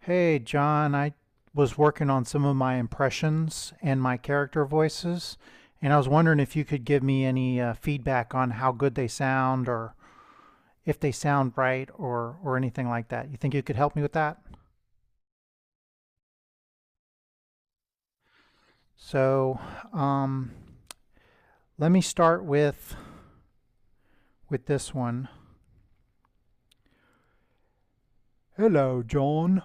Hey, John, I was working on some of my impressions and my character voices, and I was wondering if you could give me any feedback on how good they sound, or if they sound right, or anything like that. You think you could help me with that? So, um, Let me start with this one. Hello, John.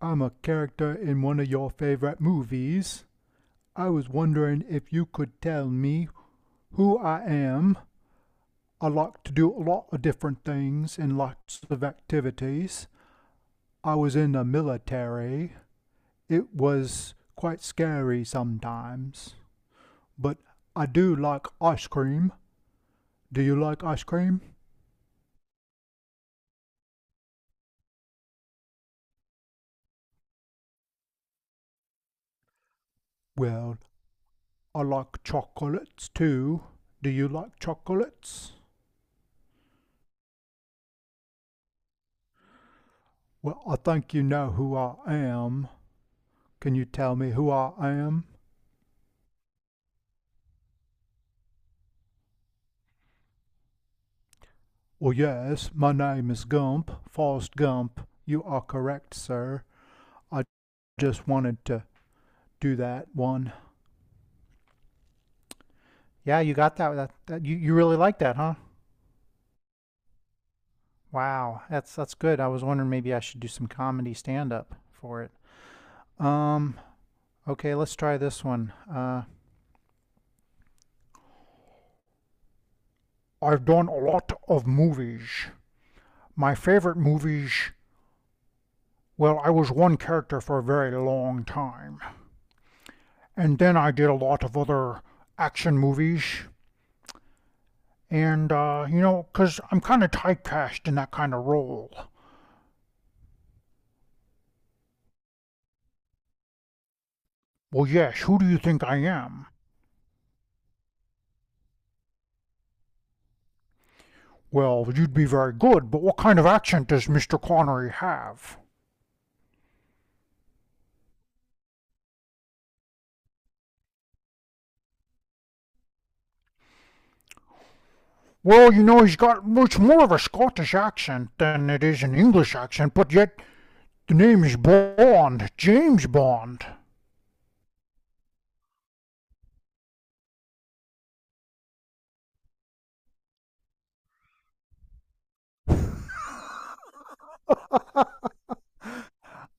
I'm a character in one of your favorite movies. I was wondering if you could tell me who I am. I like to do a lot of different things and lots of activities. I was in the military. It was quite scary sometimes, but I do like ice cream. Do you like ice cream? Well, I like chocolates too. Do you like chocolates? Well, I think you know who I am. Can you tell me who I am? Well, yes, my name is Gump, Forrest Gump. You are correct, sir. I just wanted to do that one. Yeah, you got that. That you, you really like that, huh? Wow, that's good. I was wondering maybe I should do some comedy stand up for it. Um, okay, let's try this one. I've done a lot of movies. My favorite movies, well, I was one character for a very long time. And then I did a lot of other action movies. And, you know, 'cause I'm kind of typecast in that kind of role. Well, yes, who do you think I am? Well, you'd be very good, but what kind of accent does Mr. Connery have? Well, you know, he's got much more of a Scottish accent than it is an English accent, but yet the name is Bond, James Bond.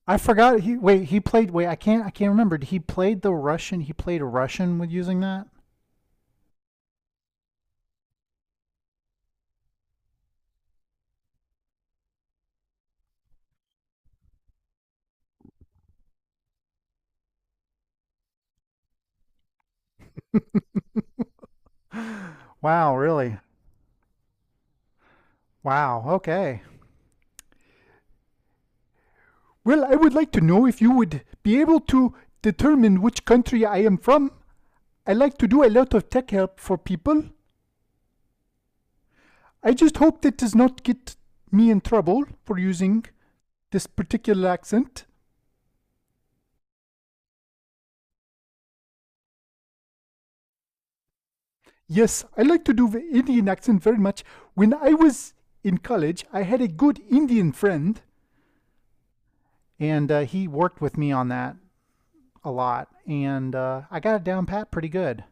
I forgot. He wait. He played. Wait. I can't. I can't remember. He played the Russian. He played a Russian with using that. Wow. Really. Wow. Okay. Well, I would like to know if you would be able to determine which country I am from. I like to do a lot of tech help for people. I just hope that does not get me in trouble for using this particular accent. Yes, I like to do the Indian accent very much. When I was in college, I had a good Indian friend, and he worked with me on that a lot, and I got it down pat pretty good.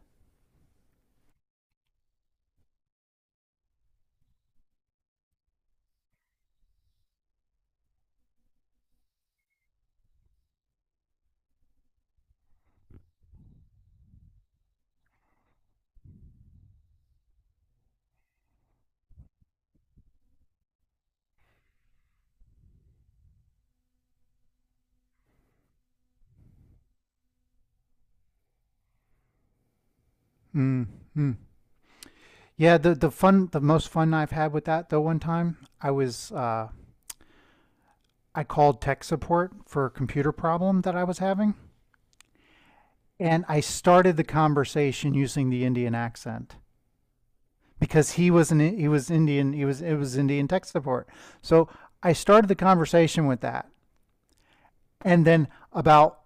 Mm, mm. Yeah, the fun, the most fun I've had with that though. One time, I was I called tech support for a computer problem that I was having, and I started the conversation using the Indian accent, because he was Indian, he was it was Indian tech support. So I started the conversation with that, and then about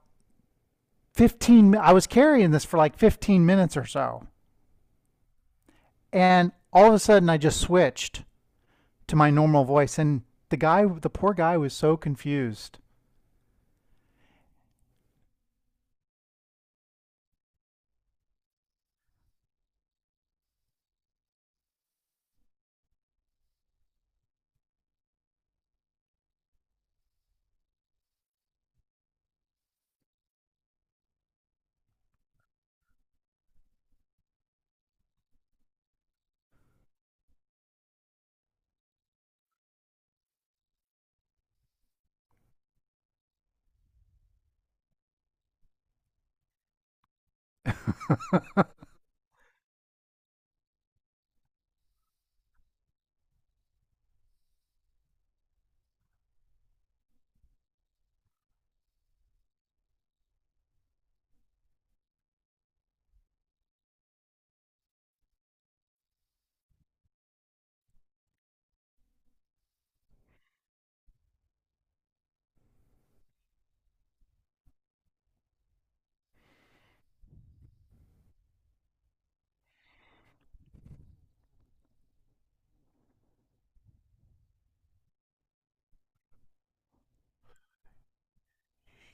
fifteen I was carrying this for like 15 minutes or so, and all of a sudden I just switched to my normal voice, and the poor guy was so confused.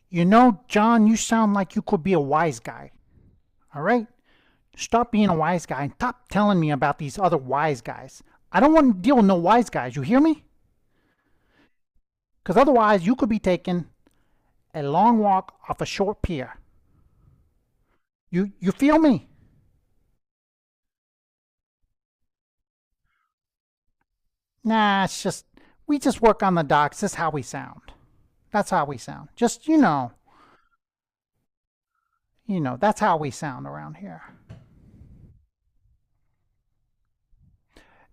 You know, John, you sound like you could be a wise guy. All right, stop being a wise guy and stop telling me about these other wise guys. I don't want to deal with no wise guys. You hear me? Because otherwise, you could be taken a long walk off a short pier. You feel me? Nah, it's just we just work on the docks. This is how we sound. That's how we sound. Just you know, that's how we sound around here.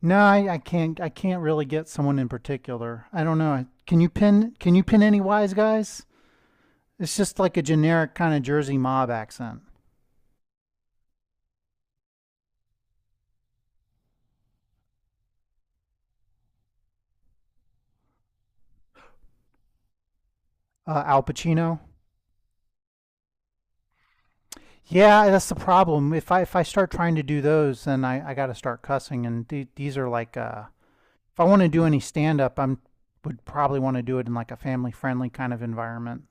No, I can't I can't really get someone in particular. I don't know. Can you pin any wise guys? It's just like a generic kind of Jersey mob accent. Al Pacino. Yeah, that's the problem. If I start trying to do those, then I got to start cussing, and these are like if I want to do any stand up, I would probably want to do it in like a family friendly kind of environment.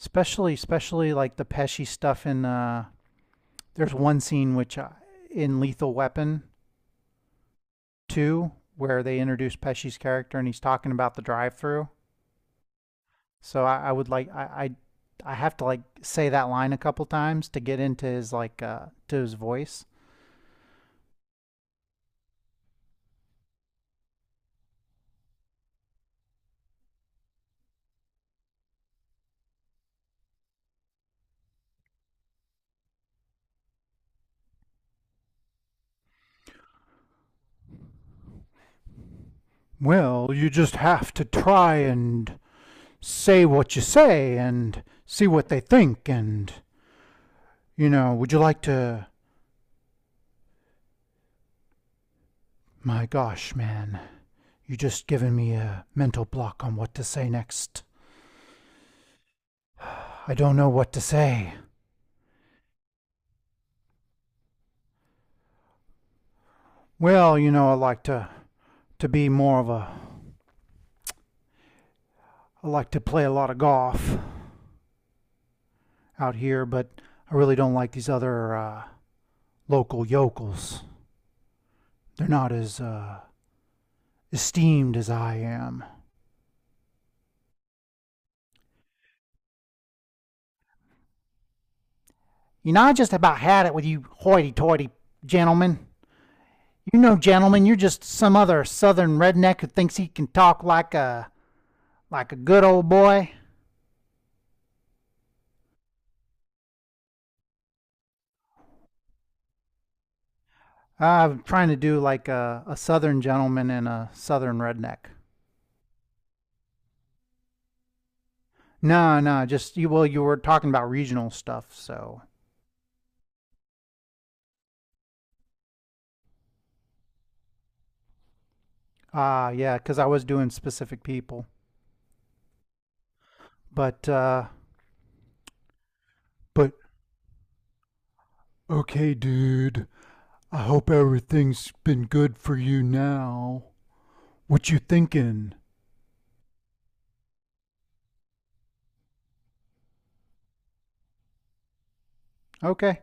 Especially like the Pesci stuff in. There's one scene which in Lethal Weapon two where they introduce Pesci's character and he's talking about the drive through. So I would like I have to like say that line a couple times to get into his like to his voice. Well, you just have to try and say what you say and see what they think. And you know, would you like to my gosh, man, you just given me a mental block on what to say next. I don't know what to say. Well, you know, I like to be more of a I like to play a lot of golf out here, but I really don't like these other local yokels. They're not as esteemed as I am. You know, I just about had it with you hoity-toity gentlemen. You know, gentlemen, you're just some other southern redneck who thinks he can talk like a good old boy. I'm trying to do like a southern gentleman and a southern redneck. No, no, just you. Well, you were talking about regional stuff, so yeah, because I was doing specific people, but uh, but okay, dude, uh, things been good for you now. What you thinking? Okay,